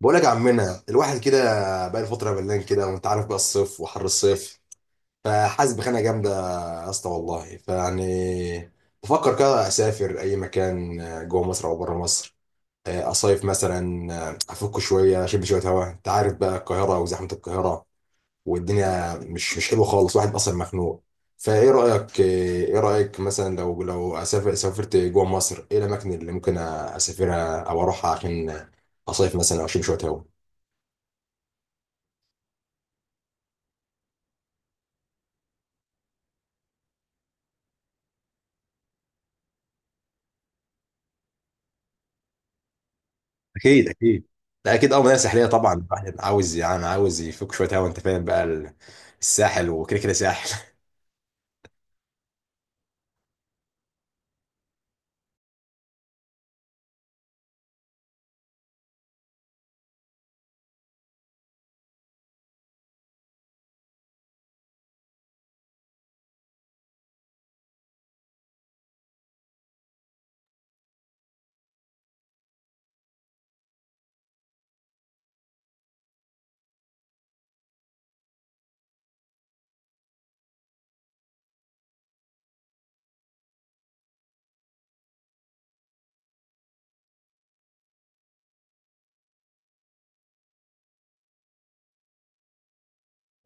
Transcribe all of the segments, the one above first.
بقولك يا عمنا الواحد كده بقى الفترة ملان كده، وانت عارف بقى الصيف وحر الصيف. فحاسس بخناقة جامدة يا اسطى والله، فيعني بفكر كده اسافر اي مكان، جوه مصر او بره مصر. اصيف مثلا، افك شوية، اشم شوية هوا. انت عارف بقى القاهرة وزحمة القاهرة، والدنيا مش حلوة خالص، واحد اصلا مخنوق. فايه رأيك؟ ايه رأيك مثلا لو لو اسافر سافرت جوه مصر، ايه الاماكن اللي ممكن اسافرها او اروحها عشان اصيف مثلا او اشم شوية هوا؟ اكيد اكيد. لا اكيد، اه، مناطق ساحليه طبعا، الواحد عاوز يعني عاوز يفك شويه هوا. انت فاهم بقى الساحل، وكده كده ساحل.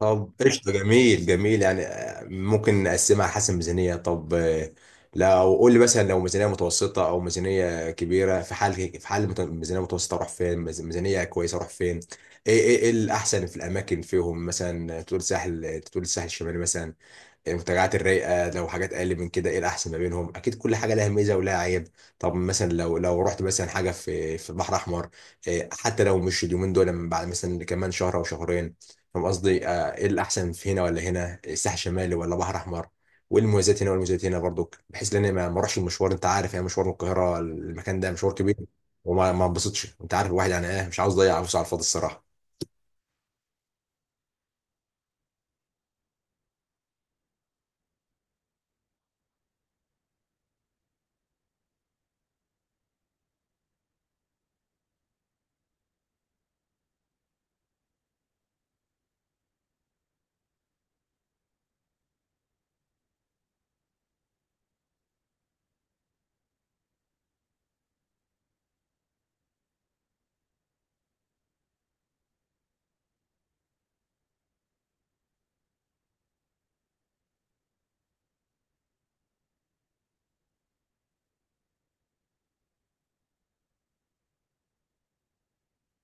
طب قشطه، جميل جميل يعني. ممكن نقسمها على حسب ميزانيه. طب، لو قول لي مثلا، لو ميزانيه متوسطه او ميزانيه كبيره. في حال ميزانيه متوسطه اروح فين؟ ميزانيه كويسه اروح فين؟ ايه ايه إيه الاحسن في الاماكن فيهم؟ مثلا تقول ساحل، تقول الساحل الشمالي مثلا، المنتجعات الرايقه. لو حاجات اقل من كده ايه الاحسن ما بينهم؟ اكيد كل حاجه لها ميزه ولها عيب. طب مثلا لو لو رحت مثلا حاجه في البحر الاحمر، حتى لو مش اليومين دول، لما بعد مثلا كمان شهر او شهرين. فاهم قصدي؟ ايه الاحسن في، هنا ولا هنا؟ الساحل الشمالي ولا بحر احمر؟ وايه المميزات هنا والمميزات هنا برضو؟ بحيث ان انا ما اروحش المشوار. انت عارف يعني، مشوار من القاهره، المكان ده مشوار كبير. وما ما انبسطش. انت عارف الواحد يعني، ايه، مش عاوز اضيع فلوس على الفاضي الصراحه.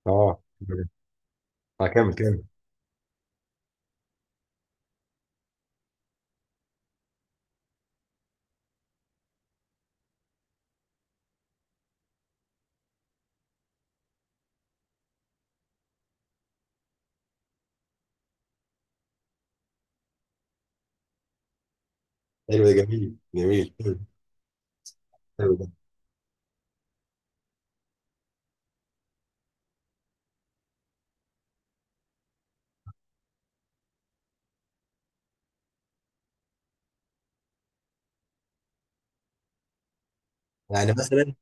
اه. اه، كمل كمل. حلو ده، جميل جميل. حلو، حلو ده. يعني مثلا،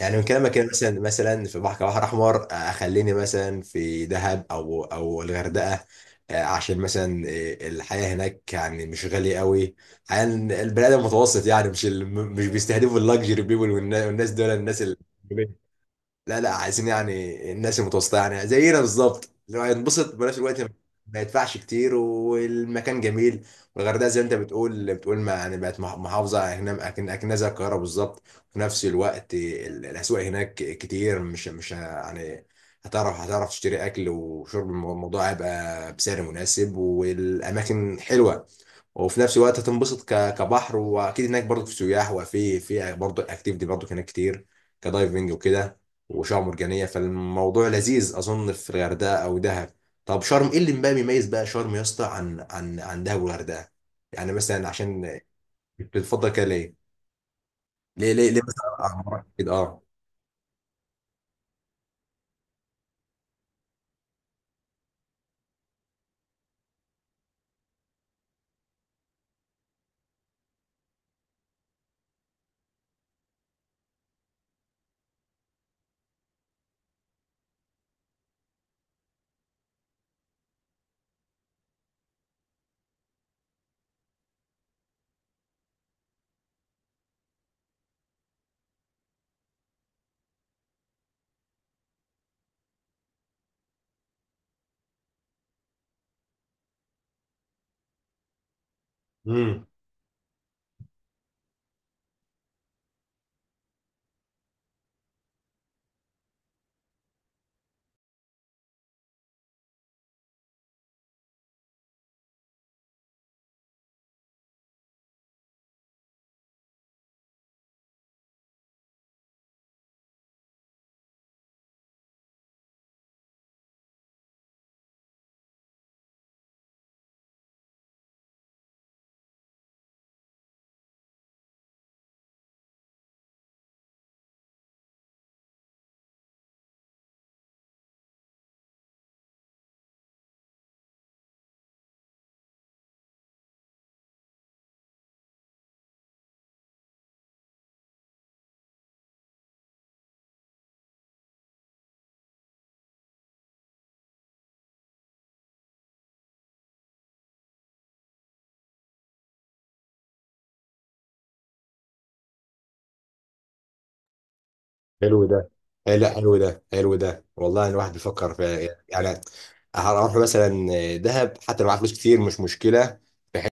يعني من كلامك كده مثلا، مثلا في بحر كبحر احمر، خليني مثلا في دهب او الغردقه. عشان مثلا الحياه هناك يعني مش غاليه قوي، يعني البني ادم متوسط. يعني مش بيستهدفوا اللاكجري بيبول، والناس دول، الناس لا لا، عايزين يعني الناس المتوسطه يعني، زينا بالظبط، اللي هو ينبسط بنفس الوقت ما يدفعش كتير، والمكان جميل. والغردقه زي ما انت بتقول ما يعني، بقت محافظه، اكن اكن أكنها زي القاهره بالظبط. وفي نفس الوقت الاسواق هناك كتير، مش مش ه- يعني هتعرف تشتري اكل وشرب. الموضوع هيبقى بسعر مناسب والاماكن حلوه. وفي نفس الوقت هتنبسط كبحر، واكيد هناك برضو في سياح، وفي برضو اكتيفيتي برضو هناك كتير كدايفنج وكده، وشعاب مرجانية. فالموضوع لذيذ أظن في الغردقة أو دهب. طب شرم، إيه اللي بقى بيميز بقى شرم يا اسطى عن عن دهب والغردقة؟ يعني مثلا عشان بتفضل كده ليه؟ ليه مثلا، أعمار كده، أه؟ امم. حلو ده. إيه، لا حلو ده، حلو ده والله. الواحد بيفكر في، يعني هروح مثلا دهب، حتى لو معايا فلوس كتير مش مشكلة. بحيث-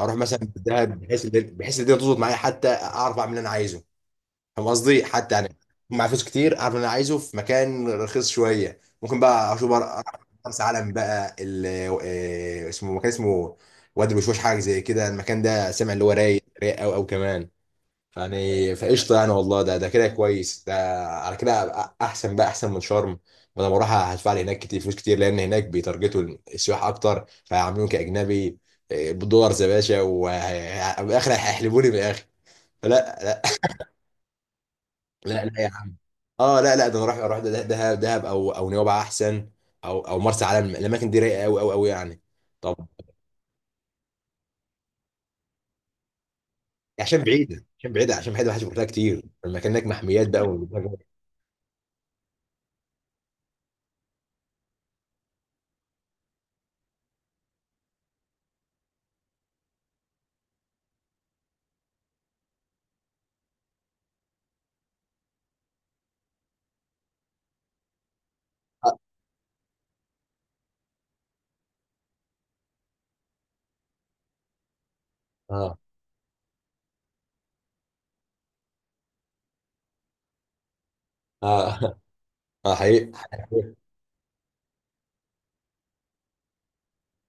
اروح مثلا دهب بحيث الدنيا تظبط معايا، حتى اعرف اعمل اللي انا عايزه. فاهم قصدي؟ حتى يعني معايا فلوس كتير، اعرف إن انا عايزه في مكان رخيص شويه، ممكن بقى اشوف بقى مرسى علم بقى اسمه مكان، اسمه وادي الوشوش حاجه زي كده. المكان ده سامع، اللي هو رايق، رايق قوي قوي كمان. يعني فقشطه يعني، والله ده ده كده كويس ده. على كده أبقى احسن بقى، احسن من شرم. وانا بروح هدفع لي هناك كتير، فلوس كتير، لان هناك بيتارجتوا السياح اكتر، فهيعاملوني كاجنبي. بالدولارز يا باشا، وبالاخر هيحلبوني بالاخر. فلا، لا لا يا عم. اه لا لا، ده انا رايح اروح دهب، دهب او نويبع احسن، او مرسى علم. الاماكن دي رايقه قوي قوي قوي يعني. طب عشان بعيده، عشان بعيده، عشان بعيده، محدش بيروح لها كتير، المكان هناك محميات بقى اه. اه. اه. حقيقي حقيقي.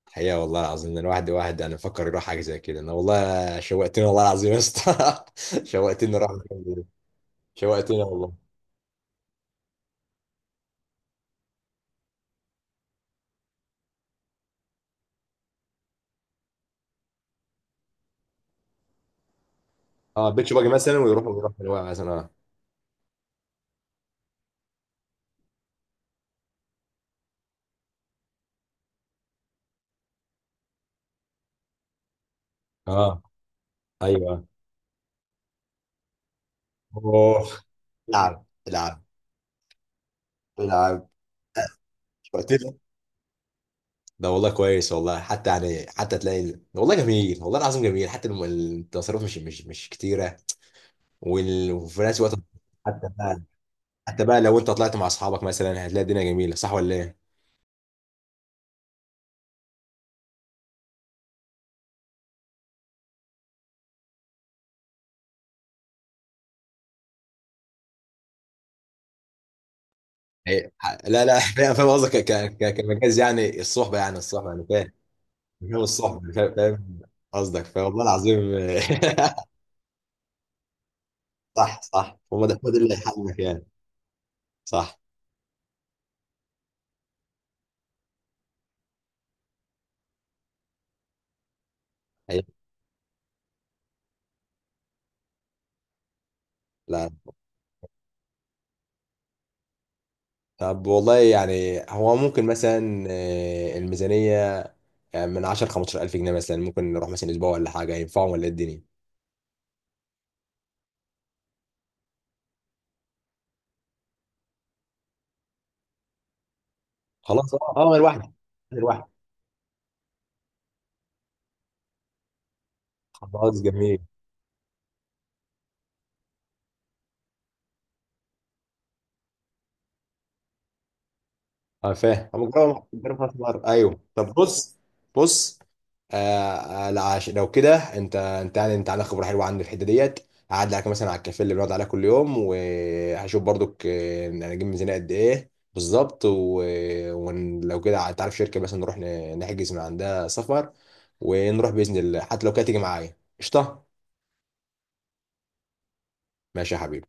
حقيقة والله العظيم، إن الواحد، واحد انا بفكر يروح حاجه زي كده. انا والله شوقتني والله العظيم يا اسطى. شوقتني، راح شوقتني والله. اه. بيتش باجي مثلا، ويروح نويبع مثلا، اه. اه. ايوه. اوه. العب، العب، العب. شوقتني ده والله، كويس والله. حتى يعني، حتى تلاقي والله جميل، والله العظيم جميل. حتى التصرف مش كتيره. وفي نفس الوقت حتى بقى، حتى بقى لو انت طلعت مع اصحابك مثلا هتلاقي الدنيا جميله، صح ولا ايه؟ لا لا. فاهم، فاهم قصدك، كمجاز يعني، الصحبه يعني، الصحبه يعني، فاهم. فاهم الصحبه، فاهم فاهم قصدك، فوالله العظيم. صح صح، هو ده، هو ده اللي هيحلك يعني. صح. أيوة. لا، طب والله يعني، هو ممكن مثلا الميزانيه يعني من 10 15000 جنيه مثلا، ممكن نروح مثلا اسبوع ولا حاجه؟ ينفعهم ولا إيه الدنيا؟ خلاص اه اه. الواحد، الواحد. خلاص جميل. اه فاهم. أنا مجرد خلاص مرة. ايوه طب بص. بص. آه. لا لو كده انت، يعني انت عندك خبره حلوه عندي في الحته ديت. هعدي عليك مثلا على الكافيه اللي بنقعد عليه كل يوم، وهشوف برضك، انا اجيب ميزانيه قد ايه بالظبط. ولو كده تعرف شركه مثلا نروح نحجز من عندها سفر، ونروح باذن الله. حتى لو كده تيجي معايا قشطه. ماشي يا حبيبي.